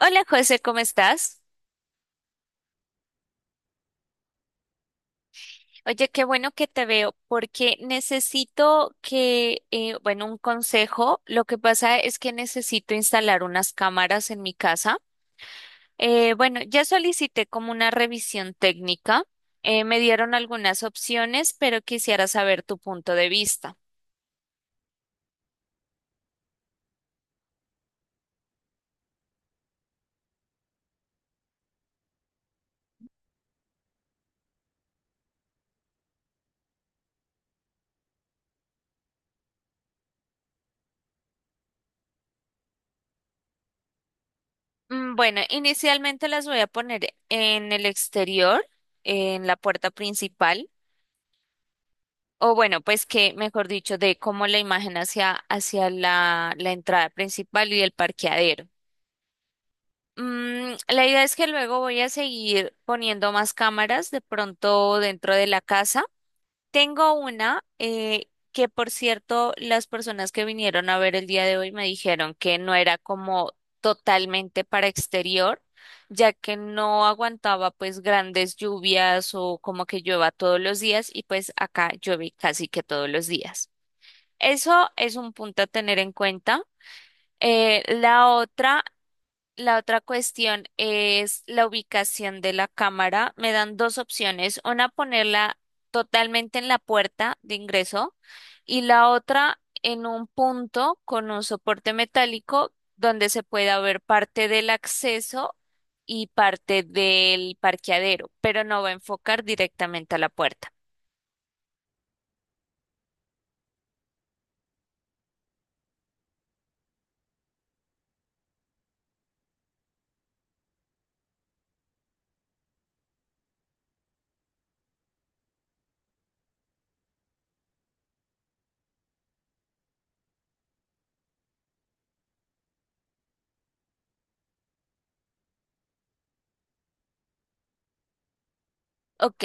Hola José, ¿cómo estás? Oye, qué bueno que te veo porque necesito un consejo. Lo que pasa es que necesito instalar unas cámaras en mi casa. Bueno, ya solicité como una revisión técnica. Me dieron algunas opciones, pero quisiera saber tu punto de vista. Bueno, inicialmente las voy a poner en el exterior, en la puerta principal. O bueno, pues de cómo la imagen hacia la entrada principal y el parqueadero. La idea es que luego voy a seguir poniendo más cámaras de pronto dentro de la casa. Tengo una que, por cierto, las personas que vinieron a ver el día de hoy me dijeron que no era como totalmente para exterior, ya que no aguantaba pues grandes lluvias o como que llueva todos los días y pues acá llueve casi que todos los días. Eso es un punto a tener en cuenta. Eh, la otra, la otra cuestión es la ubicación de la cámara. Me dan dos opciones. Una, ponerla totalmente en la puerta de ingreso y la otra en un punto con un soporte metálico donde se pueda ver parte del acceso y parte del parqueadero, pero no va a enfocar directamente a la puerta. Ok,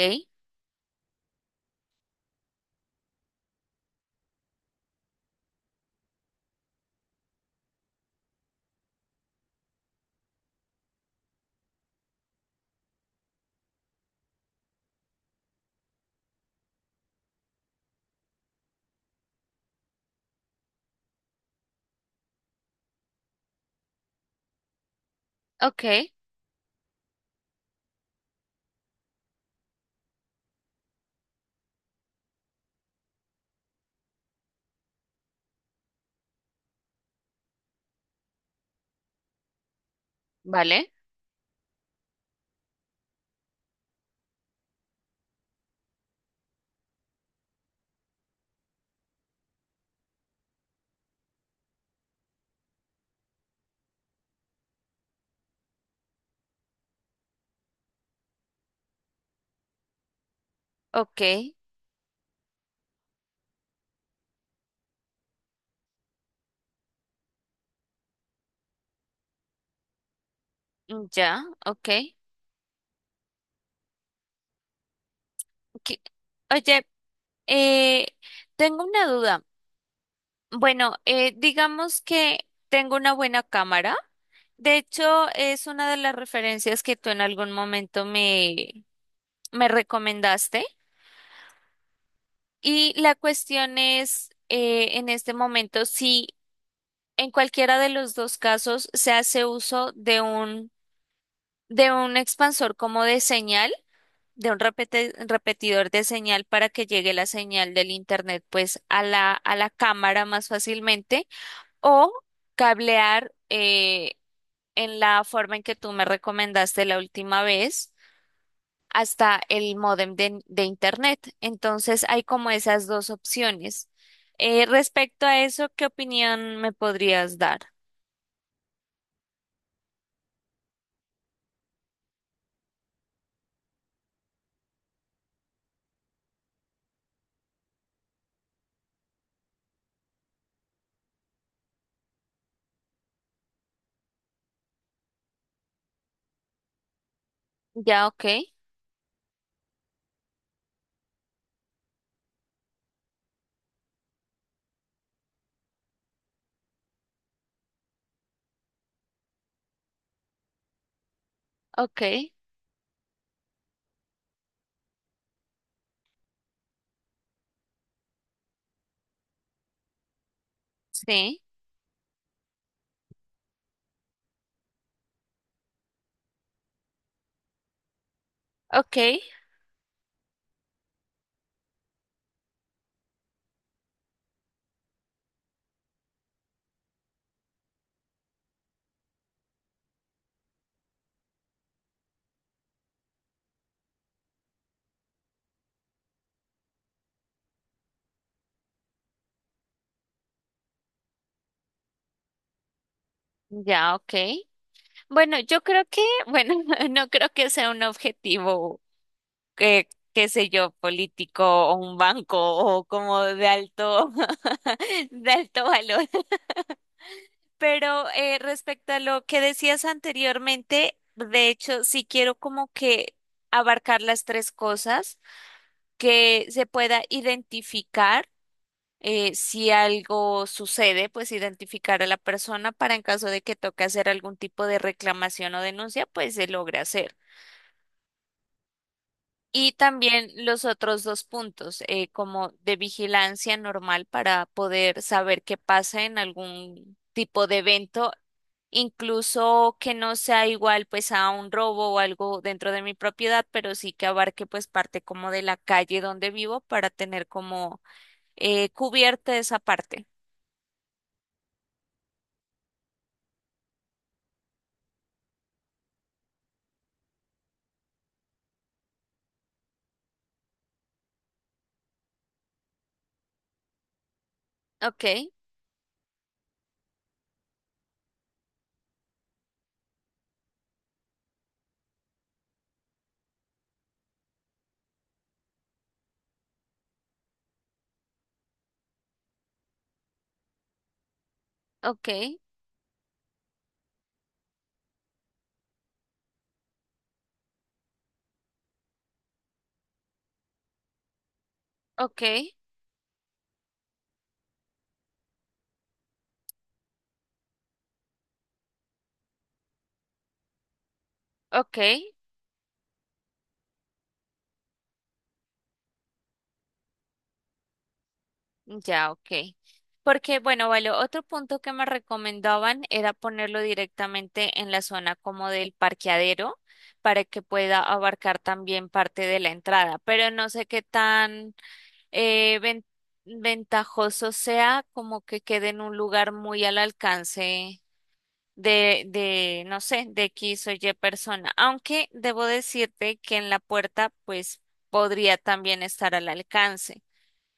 ok, vale, ok. Ya, ok. Ok. Oye, eh, tengo una duda. Bueno, digamos que tengo una buena cámara. De hecho, es una de las referencias que tú en algún momento me recomendaste. Y la cuestión es, en este momento, si en cualquiera de los dos casos se hace uso de un expansor como de señal. De un repetidor de señal para que llegue la señal del internet pues a la cámara más fácilmente o cablear en la forma en que tú me recomendaste la última vez hasta el módem de internet. Entonces hay como esas dos opciones. Respecto a eso, ¿qué opinión me podrías dar? Ya, ok, ok, sí, ok, ya, ok. Bueno, yo creo que, bueno, no creo que sea un objetivo que, qué sé yo, político o un banco o como de alto valor. Pero respecto a lo que decías anteriormente, de hecho, sí quiero como que abarcar las tres cosas, que se pueda identificar si algo sucede, pues identificar a la persona para en caso de que toque hacer algún tipo de reclamación o denuncia, pues se logre hacer. Y también los otros dos puntos, como de vigilancia normal para poder saber qué pasa en algún tipo de evento, incluso que no sea igual pues a un robo o algo dentro de mi propiedad, pero sí que abarque pues parte como de la calle donde vivo para tener como cubierta esa parte. Ok, ok, ok, ok. Ya, ok. Porque, bueno, vale, otro punto que me recomendaban era ponerlo directamente en la zona como del parqueadero para que pueda abarcar también parte de la entrada, pero no sé qué tan eh, ven- ventajoso sea como que quede en un lugar muy al alcance no sé, de X o Y persona, aunque debo decirte que en la puerta pues podría también estar al alcance.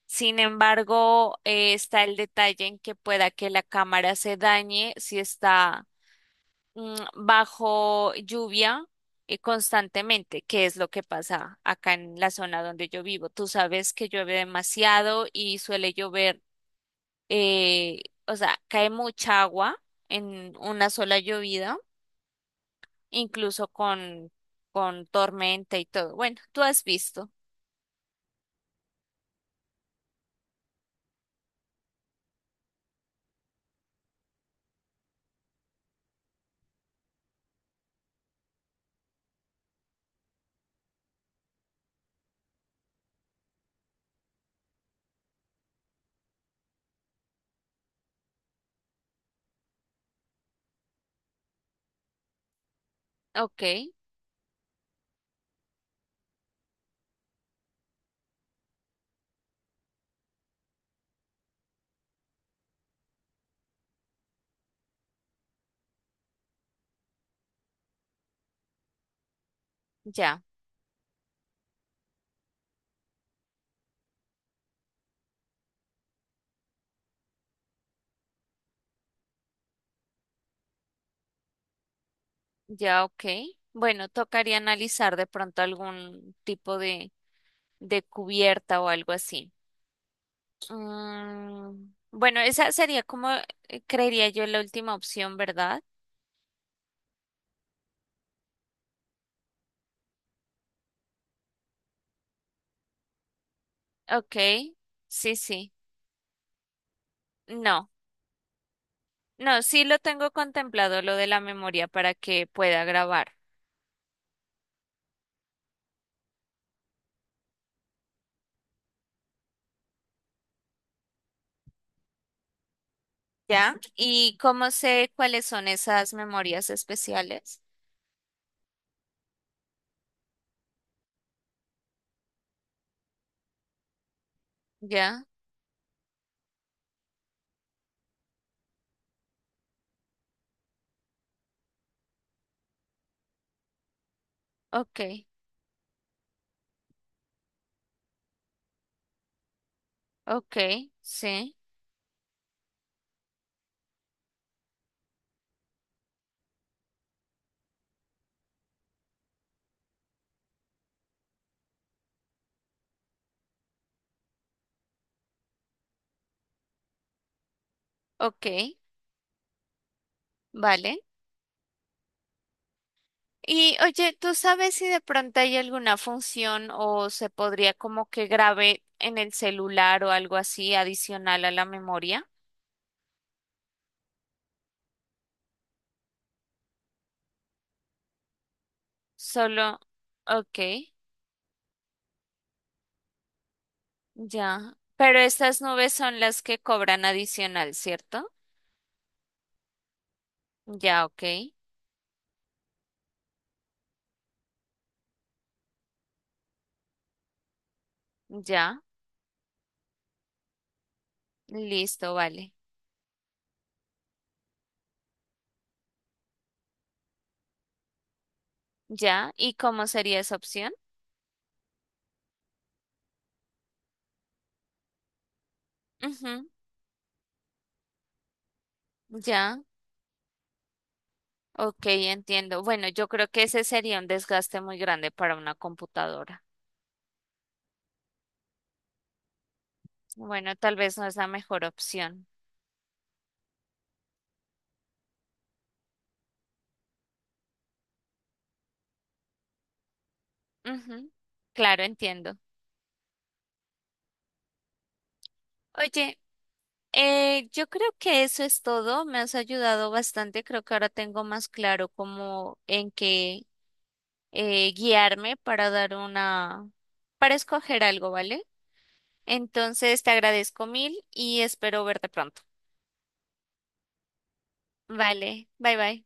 Sin embargo, está el detalle en que pueda que la cámara se dañe si está bajo lluvia constantemente, que es lo que pasa acá en la zona donde yo vivo. Tú sabes que llueve demasiado y suele llover, o sea, cae mucha agua en una sola llovida, incluso con, con tormenta y todo. Bueno, tú has visto. Ok, ya. Ya, ok. Bueno, tocaría analizar de pronto algún tipo de cubierta o algo así. Mm, bueno, esa sería como, creería yo, la última opción, ¿verdad? Ok, sí, sí. No, no, sí lo tengo contemplado lo de la memoria para que pueda grabar. ¿Ya? ¿Y cómo sé cuáles son esas memorias especiales? ¿Ya? Ok, ok, sí, ok, vale. Y oye, ¿tú sabes si de pronto hay alguna función o se podría como que grabe en el celular o algo así adicional a la memoria? Solo, ok, ya. Pero estas nubes son las que cobran adicional, ¿cierto? Ya, ok, ya, listo, vale. Ya, ¿y cómo sería esa opción? Ujú, ya, ok, entiendo. Bueno, yo creo que ese sería un desgaste muy grande para una computadora. Bueno, tal vez no es la mejor opción. Ujú, claro, entiendo. Oye, yo creo que eso es todo. Me has ayudado bastante. Creo que ahora tengo más claro cómo en qué guiarme para para escoger algo, ¿vale? Entonces te agradezco mil y espero verte pronto. Vale, bye bye.